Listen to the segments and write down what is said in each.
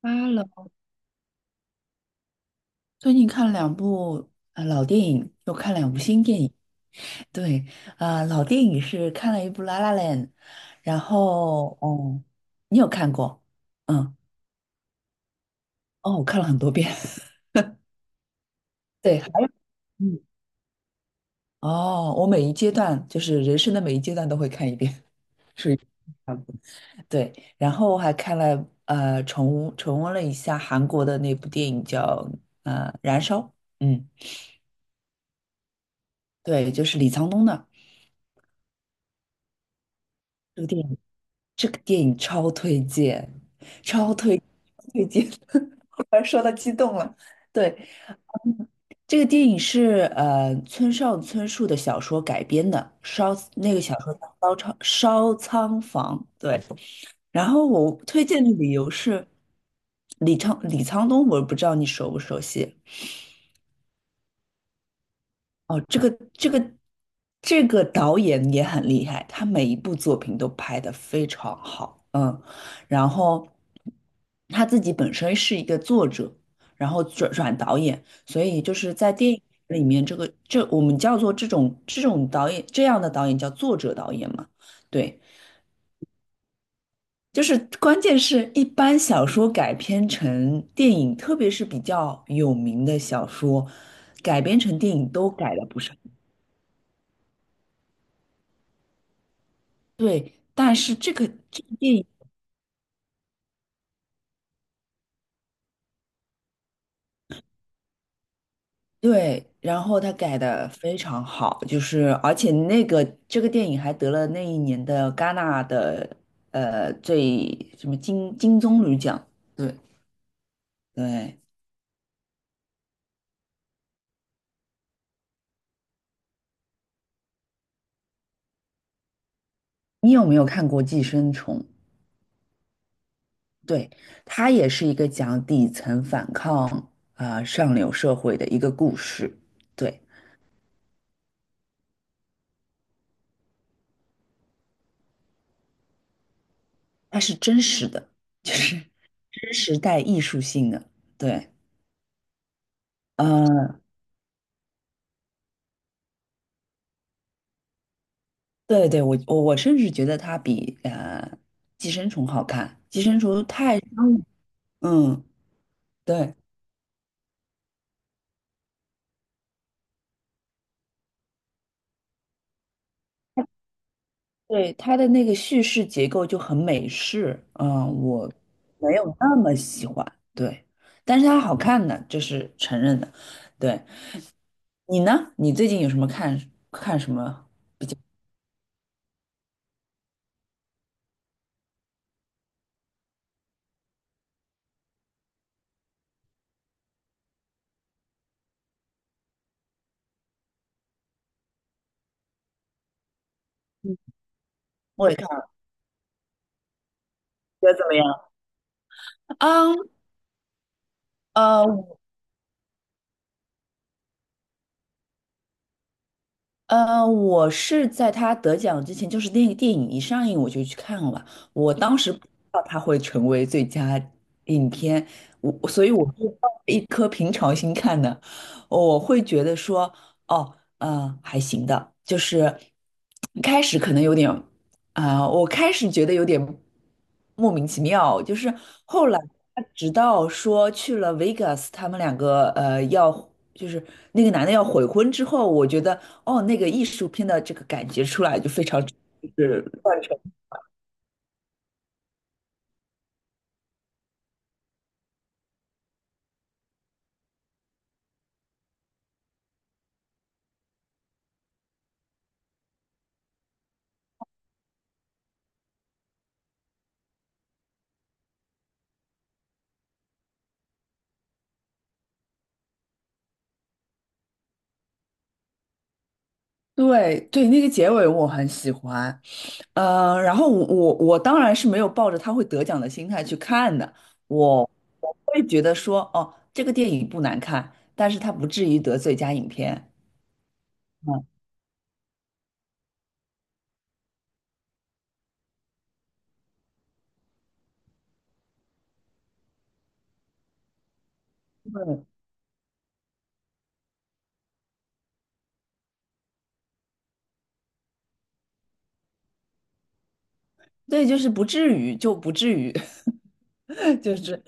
八楼，最近看了两部老电影，又看两部新电影。对，老电影是看了一部《La La Land》，然后哦，你有看过？嗯，哦，我看了很多遍。对，还有嗯哦，我每一阶段就是人生的每一阶段都会看一遍，属于差不多对。然后我还看了重重温了一下韩国的那部电影叫呃《燃烧》，嗯，对，就是李沧东的这个电影。这个电影超推荐，超推推荐，忽然说到激动了。对，这个电影是村上春树的小说改编的，烧那个小说叫烧仓房》。对，然后我推荐的理由是李沧东，我不知道你熟不熟悉。哦，这个导演也很厉害，他每一部作品都拍得非常好，嗯，然后他自己本身是一个作者，然后转导演，所以就是在电影里面，这个这我们叫做这种导演这样的导演叫作者导演嘛，对，就是关键是一般小说改编成电影，特别是比较有名的小说，改编成电影都改了不少。对，但是这个电影对，然后他改的非常好，就是而且那个这个电影还得了那一年的戛纳的最什么金棕榈奖。对对，你有没有看过《寄生虫》？对，它也是一个讲底层反抗啊、上流社会的一个故事。对，它是真实的，就是 真实带艺术性的。对，呃对对，我甚至觉得它比寄生虫》好看，《寄生虫》嗯嗯对对，它的那个叙事结构就很美式，嗯，我没有那么喜欢，对，但是它好看的，这是承认的。对你呢？你最近有什么看什么？我也看了，觉得怎么样？啊，呃，我是在他得奖之前，就是那个电影一上映我就去看了。我当时不知道他会成为最佳影片，所以我是抱着一颗平常心看的。我会觉得说，哦，还行的，就是一开始可能有点。我开始觉得有点莫名其妙，就是后来他直到说去了 Vegas,他们两个就是那个男的要悔婚之后，我觉得哦，那个艺术片的这个感觉出来就非常就是乱成。对对，那个结尾我很喜欢，呃，然后我当然是没有抱着他会得奖的心态去看的，我我会觉得说哦，这个电影不难看，但是他不至于得最佳影片。嗯。对，就是不至于，就不至于，就是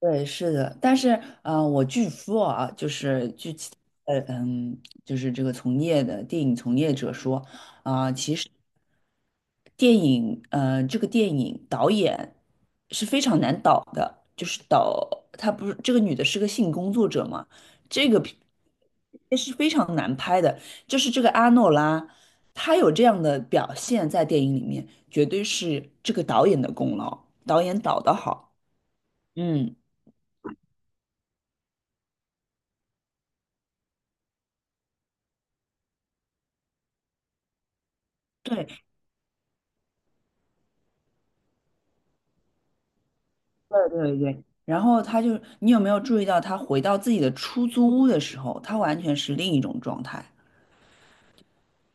对，是的。但是，呃，我据说啊，就是据其呃嗯，就是这个从业的电影从业者说，这个电影导演是非常难导的，就是导她不是这个女的是个性工作者嘛，这个片是非常难拍的。就是这个阿诺拉，她有这样的表现在电影里面，绝对是这个导演的功劳，导演导得好。嗯，对对。然后他就，你有没有注意到他回到自己的出租屋的时候，他完全是另一种状态，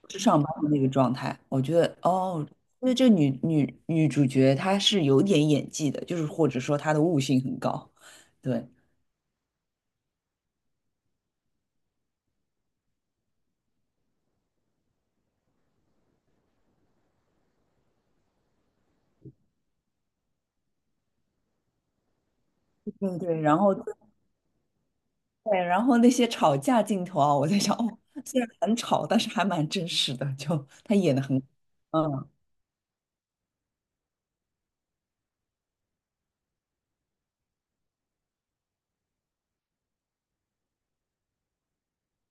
是上班的那个状态。我觉得，哦，因为这女主角她是有点演技的，就是或者说她的悟性很高。对对对，然后对，然后那些吵架镜头啊，我在想，哦，虽然很吵，但是还蛮真实的，就她演的很，嗯，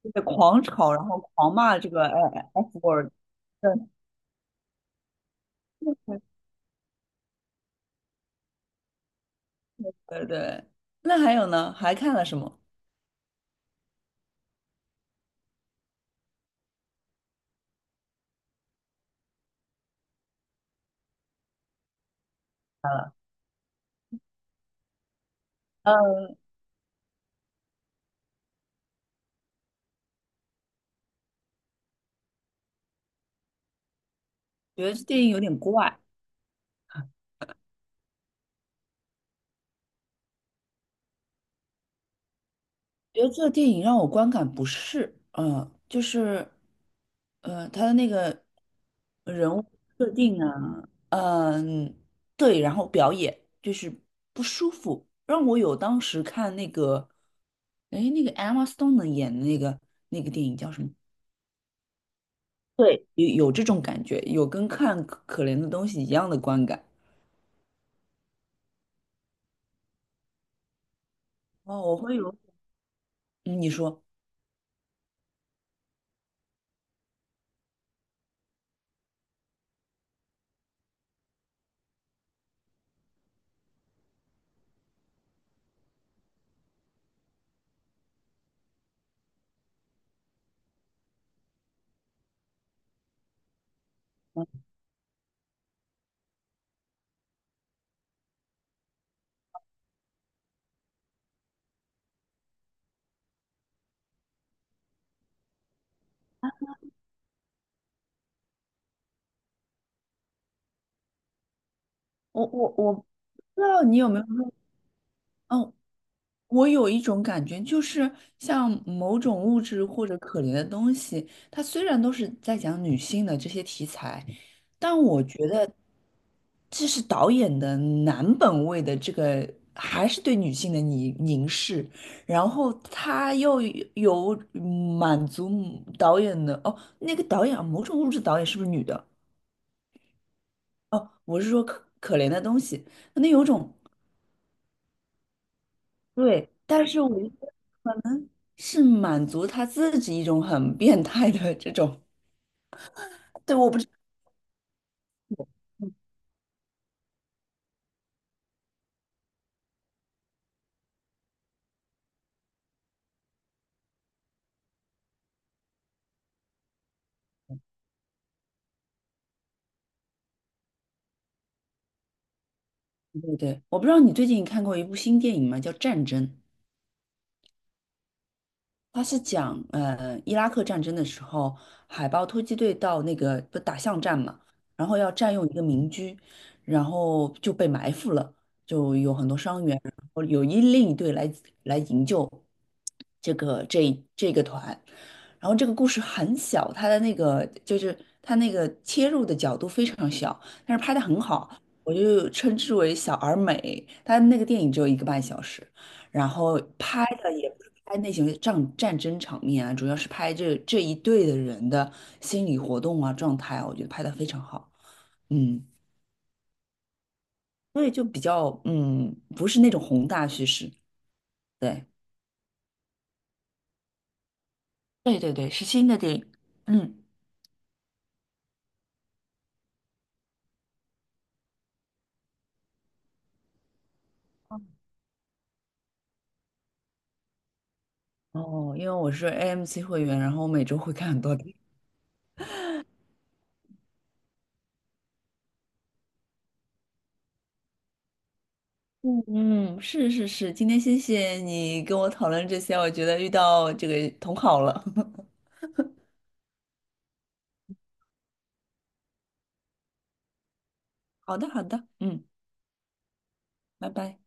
就是狂吵，然后狂骂这个哎 F word。对对对，那还有呢？还看了什么？呃，觉得这电影有点怪，觉得这个电影让我观感不适。嗯，就是，呃，他的那个人物设定啊，嗯，对，然后表演就是不舒服，让我有当时看那个，哎，那个 Emma Stone 的演的那个那个电影叫什么？对，有有这种感觉，有跟看可怜的东西一样的观感。哦，我会有，嗯你说。我不知道你有没有说，嗯，我有一种感觉，就是像某种物质或者可怜的东西，它虽然都是在讲女性的这些题材，这是导演的男本位的这个，还是对女性的凝视，然后他又有满足导演的，哦，那个导演啊某种物质导演是不是女的？哦，我是说可怜的东西，那有种对，但是我。是满足他自己一种很变态的这种。对，我不知，对对，我不知道你最近看过一部新电影吗？叫《战争》。他是讲，呃，伊拉克战争的时候，海豹突击队到那个不打巷战嘛，然后要占用一个民居，然后就被埋伏了，就有很多伤员，然后另一队来来营救这个团，然后这个故事很小，他的那个就是他那个切入的角度非常小，但是拍的很好，我就称之为小而美。他那个电影只有一个半小时。然后拍的也不是拍那些战争场面啊，主要是拍这一队的人的心理活动啊、状态啊，我觉得拍的非常好。嗯，所以就比较嗯，不是那种宏大叙事。对，对对对，是新的电影。嗯，哦，因为我是 AMC 会员，然后我每周会看很多电影。嗯嗯，是是是，今天谢谢你跟我讨论这些，我觉得遇到这个同好了。好的好的，嗯，拜拜。